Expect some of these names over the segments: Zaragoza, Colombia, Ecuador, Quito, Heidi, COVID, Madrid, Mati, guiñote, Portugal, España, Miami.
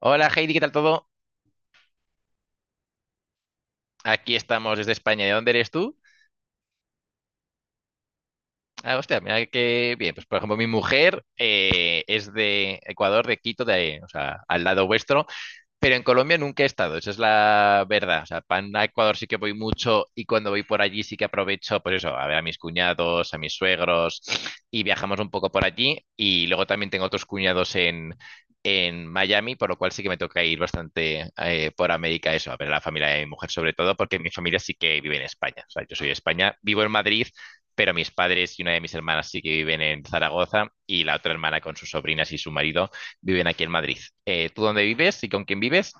Hola Heidi, ¿qué tal todo? Aquí estamos desde España. ¿De dónde eres tú? Ah, hostia, mira que bien. Pues por ejemplo, mi mujer es de Ecuador, de Quito, de, o sea, al lado vuestro. Pero en Colombia nunca he estado, esa es la verdad. O sea, para Ecuador sí que voy mucho y cuando voy por allí sí que aprovecho, pues eso, a ver a mis cuñados, a mis suegros y viajamos un poco por allí. Y luego también tengo otros cuñados en Miami, por lo cual sí que me toca ir bastante por América, eso, a ver a la familia de mi mujer sobre todo, porque mi familia sí que vive en España. O sea, yo soy de España, vivo en Madrid, pero mis padres y una de mis hermanas sí que viven en Zaragoza y la otra hermana con sus sobrinas y su marido viven aquí en Madrid. ¿Tú dónde vives y con quién vives?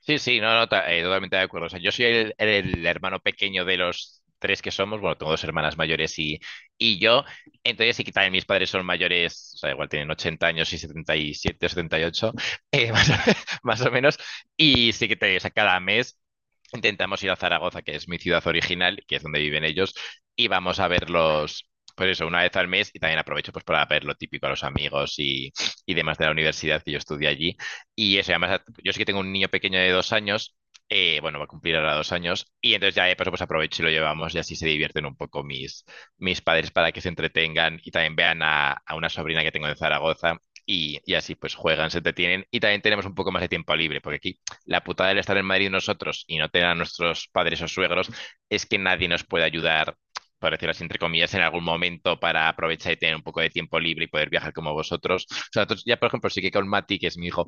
Sí, sí, no, no, totalmente de acuerdo. O sea, yo soy el hermano pequeño de los tres que somos. Bueno, tengo dos hermanas mayores y yo. Entonces, sí que también mis padres son mayores, o sea, igual tienen 80 años y 77 o 78, más, o, más o menos. Y sí que te, o sea, cada mes intentamos ir a Zaragoza, que es mi ciudad original, que es donde viven ellos, y vamos a verlos, pues eso, una vez al mes, y también aprovecho pues para ver lo típico a los amigos y demás de la universidad que yo estudié allí. Y eso, y además, yo sí que tengo un niño pequeño de 2 años, bueno, va a cumplir ahora 2 años, y entonces ya de paso pues aprovecho y lo llevamos y así se divierten un poco mis padres para que se entretengan y también vean a una sobrina que tengo de Zaragoza, y así pues juegan, se entretienen y también tenemos un poco más de tiempo libre, porque aquí la putada del estar en Madrid nosotros y no tener a nuestros padres o suegros es que nadie nos puede ayudar, por decirlo así, entre comillas, en algún momento para aprovechar y tener un poco de tiempo libre y poder viajar como vosotros. O sea, nosotros ya, por ejemplo, sí que con Mati, que es mi hijo,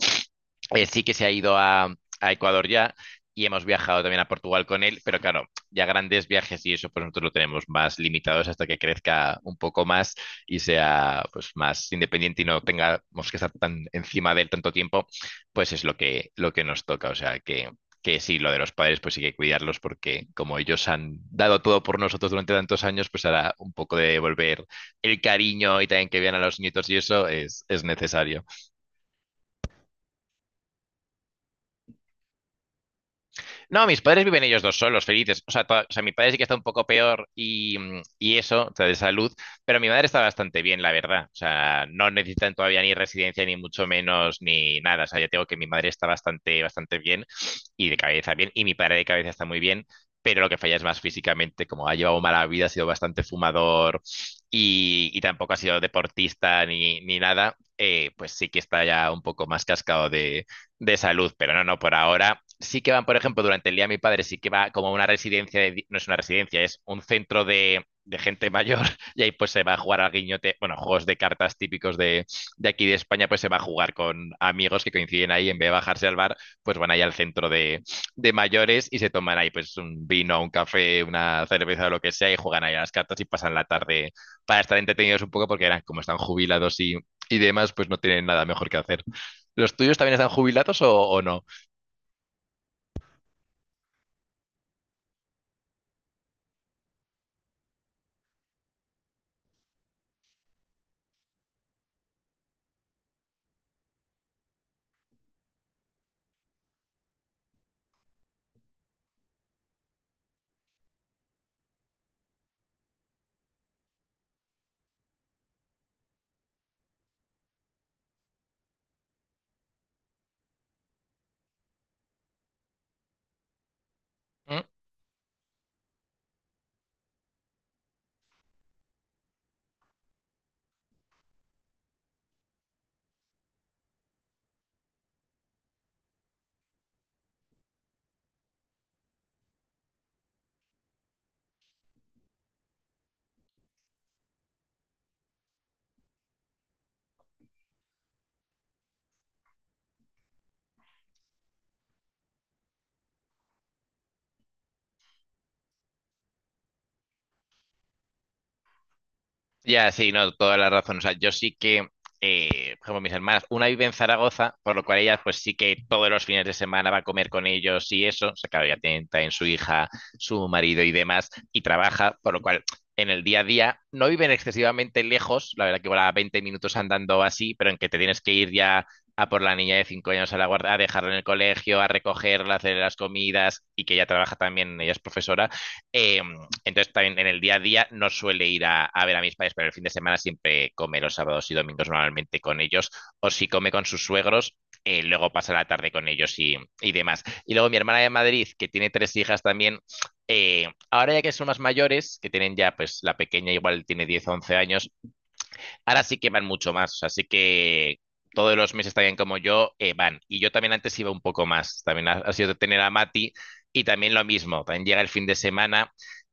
sí que se ha ido a Ecuador ya y hemos viajado también a Portugal con él, pero claro, ya grandes viajes y eso pues nosotros lo tenemos más limitados hasta que crezca un poco más y sea pues más independiente y no tengamos que estar tan encima de él tanto tiempo, pues es lo que nos toca, o sea que sí, lo de los padres pues sí que cuidarlos porque como ellos han dado todo por nosotros durante tantos años, pues ahora un poco de devolver el cariño y también que vean a los nietos y eso es necesario. No, mis padres viven ellos dos solos, felices. O sea, mi padre sí que está un poco peor y eso, o sea, de salud, pero mi madre está bastante bien, la verdad. O sea, no necesitan todavía ni residencia, ni mucho menos, ni nada. O sea, ya tengo que mi madre está bastante, bastante bien y de cabeza bien, y mi padre de cabeza está muy bien. Pero lo que falla es más físicamente, como ha llevado mala vida, ha sido bastante fumador y tampoco ha sido deportista ni nada, pues sí que está ya un poco más cascado de salud, pero no, no, por ahora sí que van, por ejemplo, durante el día mi padre sí que va como a una residencia, no es una residencia, es un centro de gente mayor y ahí pues se va a jugar al guiñote, bueno, juegos de cartas típicos de aquí de España, pues se va a jugar con amigos que coinciden ahí, en vez de bajarse al bar, pues van ahí al centro de mayores y se toman ahí pues un vino, un café, una cerveza o lo que sea y juegan ahí a las cartas y pasan la tarde para estar entretenidos un poco porque eran como están jubilados y demás, pues no tienen nada mejor que hacer. ¿Los tuyos también están jubilados o no? ¿Mm? Ya, sí, no, toda la razón. O sea, yo sí que, eh, por ejemplo, mis hermanas, una vive en Zaragoza, por lo cual ellas, pues sí que todos los fines de semana va a comer con ellos y eso. O sea, claro, ya tienen también su hija, su marido y demás, y trabaja, por lo cual en el día a día no viven excesivamente lejos, la verdad que igual a 20 minutos andando así, pero en que te tienes que ir ya a por la niña de 5 años a la guarda, a dejarla en el colegio, a recogerla, a hacer las comidas y que ella trabaja también, ella es profesora, eh, entonces también en el día a día no suele ir ver a mis padres, pero el fin de semana siempre come los sábados y domingos normalmente con ellos, o si come con sus suegros, luego pasa la tarde con ellos y demás. Y luego mi hermana de Madrid, que tiene tres hijas también, ahora ya que son más mayores, que tienen ya, pues la pequeña igual tiene 10 o 11 años, ahora sí que van mucho más, así que todos los meses también como yo van. Y yo también antes iba un poco más, también ha sido tener a Mati. Y también lo mismo, también llega el fin de semana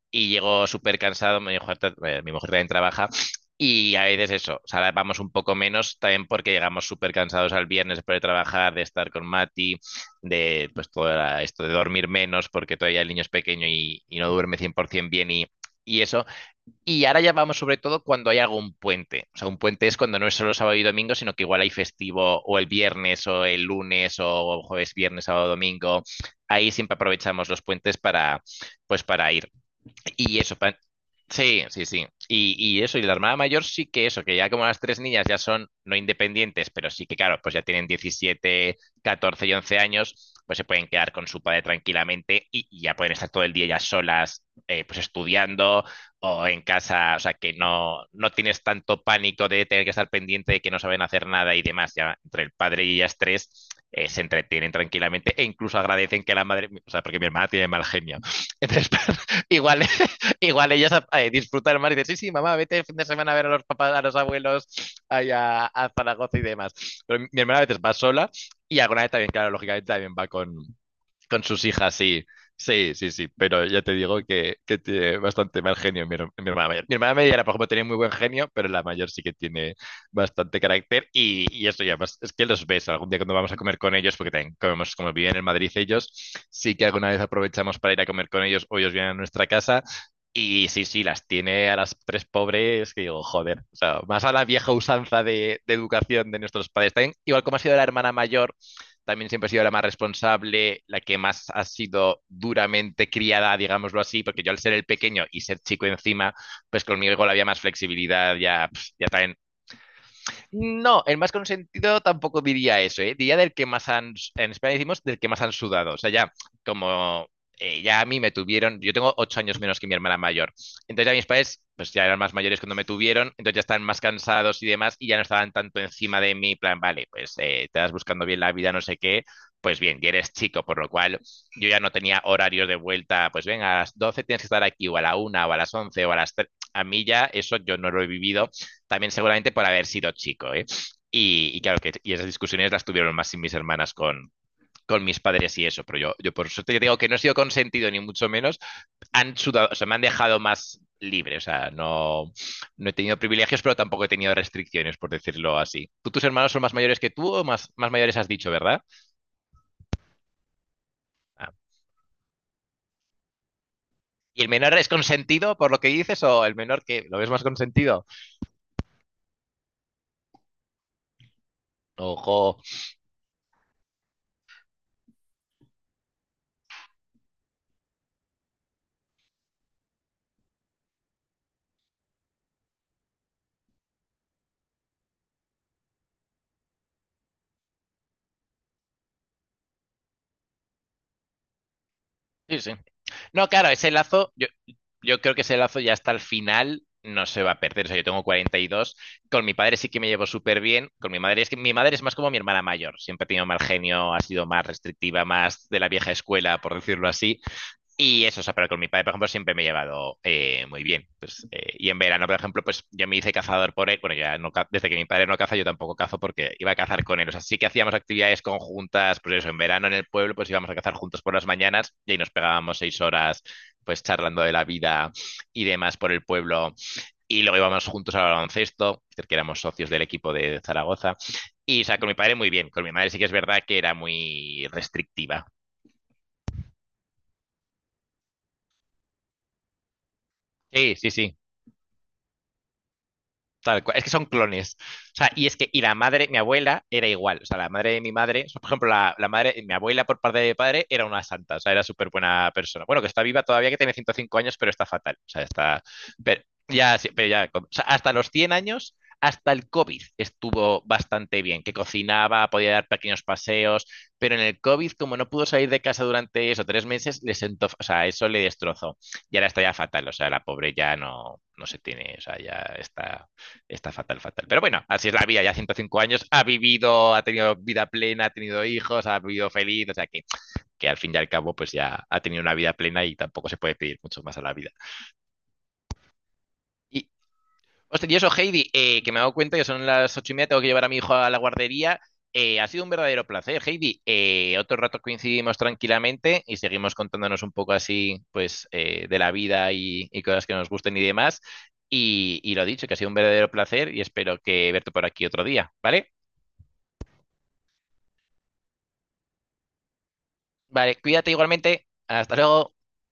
y llego súper cansado, mi mujer, mi mujer también trabaja y a veces eso, o sea, ahora vamos un poco menos también porque llegamos súper cansados al viernes después de trabajar, de estar con Mati, de pues todo era esto de dormir menos porque todavía el niño es pequeño y no duerme 100% bien y eso. Y ahora ya vamos sobre todo cuando hay algún puente, o sea, un puente es cuando no es solo sábado y domingo, sino que igual hay festivo o el viernes o el lunes o jueves, viernes, sábado, domingo. Ahí siempre aprovechamos los puentes para, pues para ir. Y eso, sí, sí, sí. Y eso, y la hermana mayor sí que eso, que ya como las tres niñas ya son no independientes, pero sí que, claro, pues ya tienen 17 14 y 11 años, pues se pueden quedar con su padre tranquilamente y ya pueden estar todo el día ya solas, pues estudiando o en casa, o sea, que no, no tienes tanto pánico de tener que estar pendiente de que no saben hacer nada y demás, ya entre el padre y ellas tres. Se entretienen tranquilamente e incluso agradecen que la madre, o sea, porque mi hermana tiene mal genio. Entonces, igual igual ellas disfrutan disfrutar más y dicen, sí, sí, mamá, vete el fin de semana a ver a los papás, a los abuelos, allá a Zaragoza y demás. Pero mi hermana a veces va sola y alguna vez también, claro, lógicamente también va con sus hijas, sí. Sí, sí, sí. Pero ya te digo que tiene bastante mal genio mi hermana mayor. Mi hermana mayor, por ejemplo, tenía muy buen genio, pero la mayor sí que tiene bastante carácter. Y eso ya, pues, es que los ves algún día cuando vamos a comer con ellos, porque también comemos, como viven en Madrid ellos, sí que alguna vez aprovechamos para ir a comer con ellos o ellos vienen a nuestra casa. Y sí, sí, las tiene a las tres pobres que digo, joder, o sea, más a la vieja usanza de educación de nuestros padres. También, igual como ha sido la hermana mayor también siempre ha sido la más responsable, la que más ha sido duramente criada, digámoslo así, porque yo al ser el pequeño y ser chico encima, pues conmigo igual había más flexibilidad, ya, ya también no, el más consentido tampoco diría eso, ¿eh? Diría del que más han, en España decimos del que más han sudado. O sea, ya como ya a mí me tuvieron, yo tengo 8 años menos que mi hermana mayor. Entonces ya mis padres, pues ya eran más mayores cuando me tuvieron, entonces ya estaban más cansados y demás y ya no estaban tanto encima de mí, plan, vale, pues te estás buscando bien la vida, no sé qué. Pues bien, y eres chico, por lo cual yo ya no tenía horarios de vuelta, pues ven a las 12 tienes que estar aquí, o a la una o a las 11 o a las 3. A mí ya eso yo no lo he vivido también seguramente por haber sido chico, ¿eh? Y claro, que, y esas discusiones las tuvieron más sin mis hermanas con mis padres y eso, pero yo por suerte digo que no he sido consentido ni mucho menos, han sudado, o sea, me han dejado más libre, o sea, no, no he tenido privilegios, pero tampoco he tenido restricciones, por decirlo así. ¿Tú tus hermanos son más mayores que tú o más, más mayores has dicho, verdad? Ah. ¿Y el menor es consentido por lo que dices o el menor que lo ves más consentido? Ojo. Sí, sí. No, claro, ese lazo, yo creo que ese lazo ya hasta el final no se va a perder. O sea, yo tengo 42. Con mi padre sí que me llevo súper bien. Con mi madre es que mi madre es más como mi hermana mayor. Siempre ha tenido mal genio, ha sido más restrictiva, más de la vieja escuela, por decirlo así. Y eso, o sea, pero con mi padre, por ejemplo, siempre me he llevado muy bien. Pues, y en verano, por ejemplo, pues yo me hice cazador por él. Bueno, ya no, desde que mi padre no caza, yo tampoco cazo porque iba a cazar con él. O sea, sí que hacíamos actividades conjuntas, pues eso, en verano en el pueblo, pues íbamos a cazar juntos por las mañanas y ahí nos pegábamos 6 horas, pues charlando de la vida y demás por el pueblo. Y luego íbamos juntos al baloncesto, porque éramos socios del equipo de Zaragoza. Y, o sea, con mi padre muy bien. Con mi madre sí que es verdad que era muy restrictiva. Sí, sí, sí. Tal cual. Es que son clones. O sea, y es que, y la madre, mi abuela era igual. O sea, la madre de mi madre, o sea, por ejemplo, la madre, mi abuela por parte de mi padre era una santa. O sea, era súper buena persona. Bueno, que está viva todavía, que tiene 105 años, pero está fatal. O sea, está. Pero ya, sí, pero ya. O sea, hasta los 100 años. Hasta el COVID estuvo bastante bien, que cocinaba, podía dar pequeños paseos, pero en el COVID, como no pudo salir de casa durante eso, 3 meses, le sentó, o sea, eso le destrozó. Y ahora está ya fatal, o sea, la pobre ya no, no se tiene, o sea, ya está. Está fatal, fatal. Pero bueno, así es la vida, ya 105 años, ha vivido, ha tenido vida plena, ha tenido hijos, ha vivido feliz, o sea que al fin y al cabo pues ya ha tenido una vida plena y tampoco se puede pedir mucho más a la vida. Y, hostia, y eso, Heidi, que me he dado cuenta que son las 8:30, tengo que llevar a mi hijo a la guardería. Ha sido un verdadero placer, Heidi. Otro rato coincidimos tranquilamente y seguimos contándonos un poco así, pues, de la vida y, cosas que nos gusten y demás. Y lo dicho, que ha sido un verdadero placer y espero que verte por aquí otro día, ¿vale? Vale, cuídate igualmente. Hasta luego.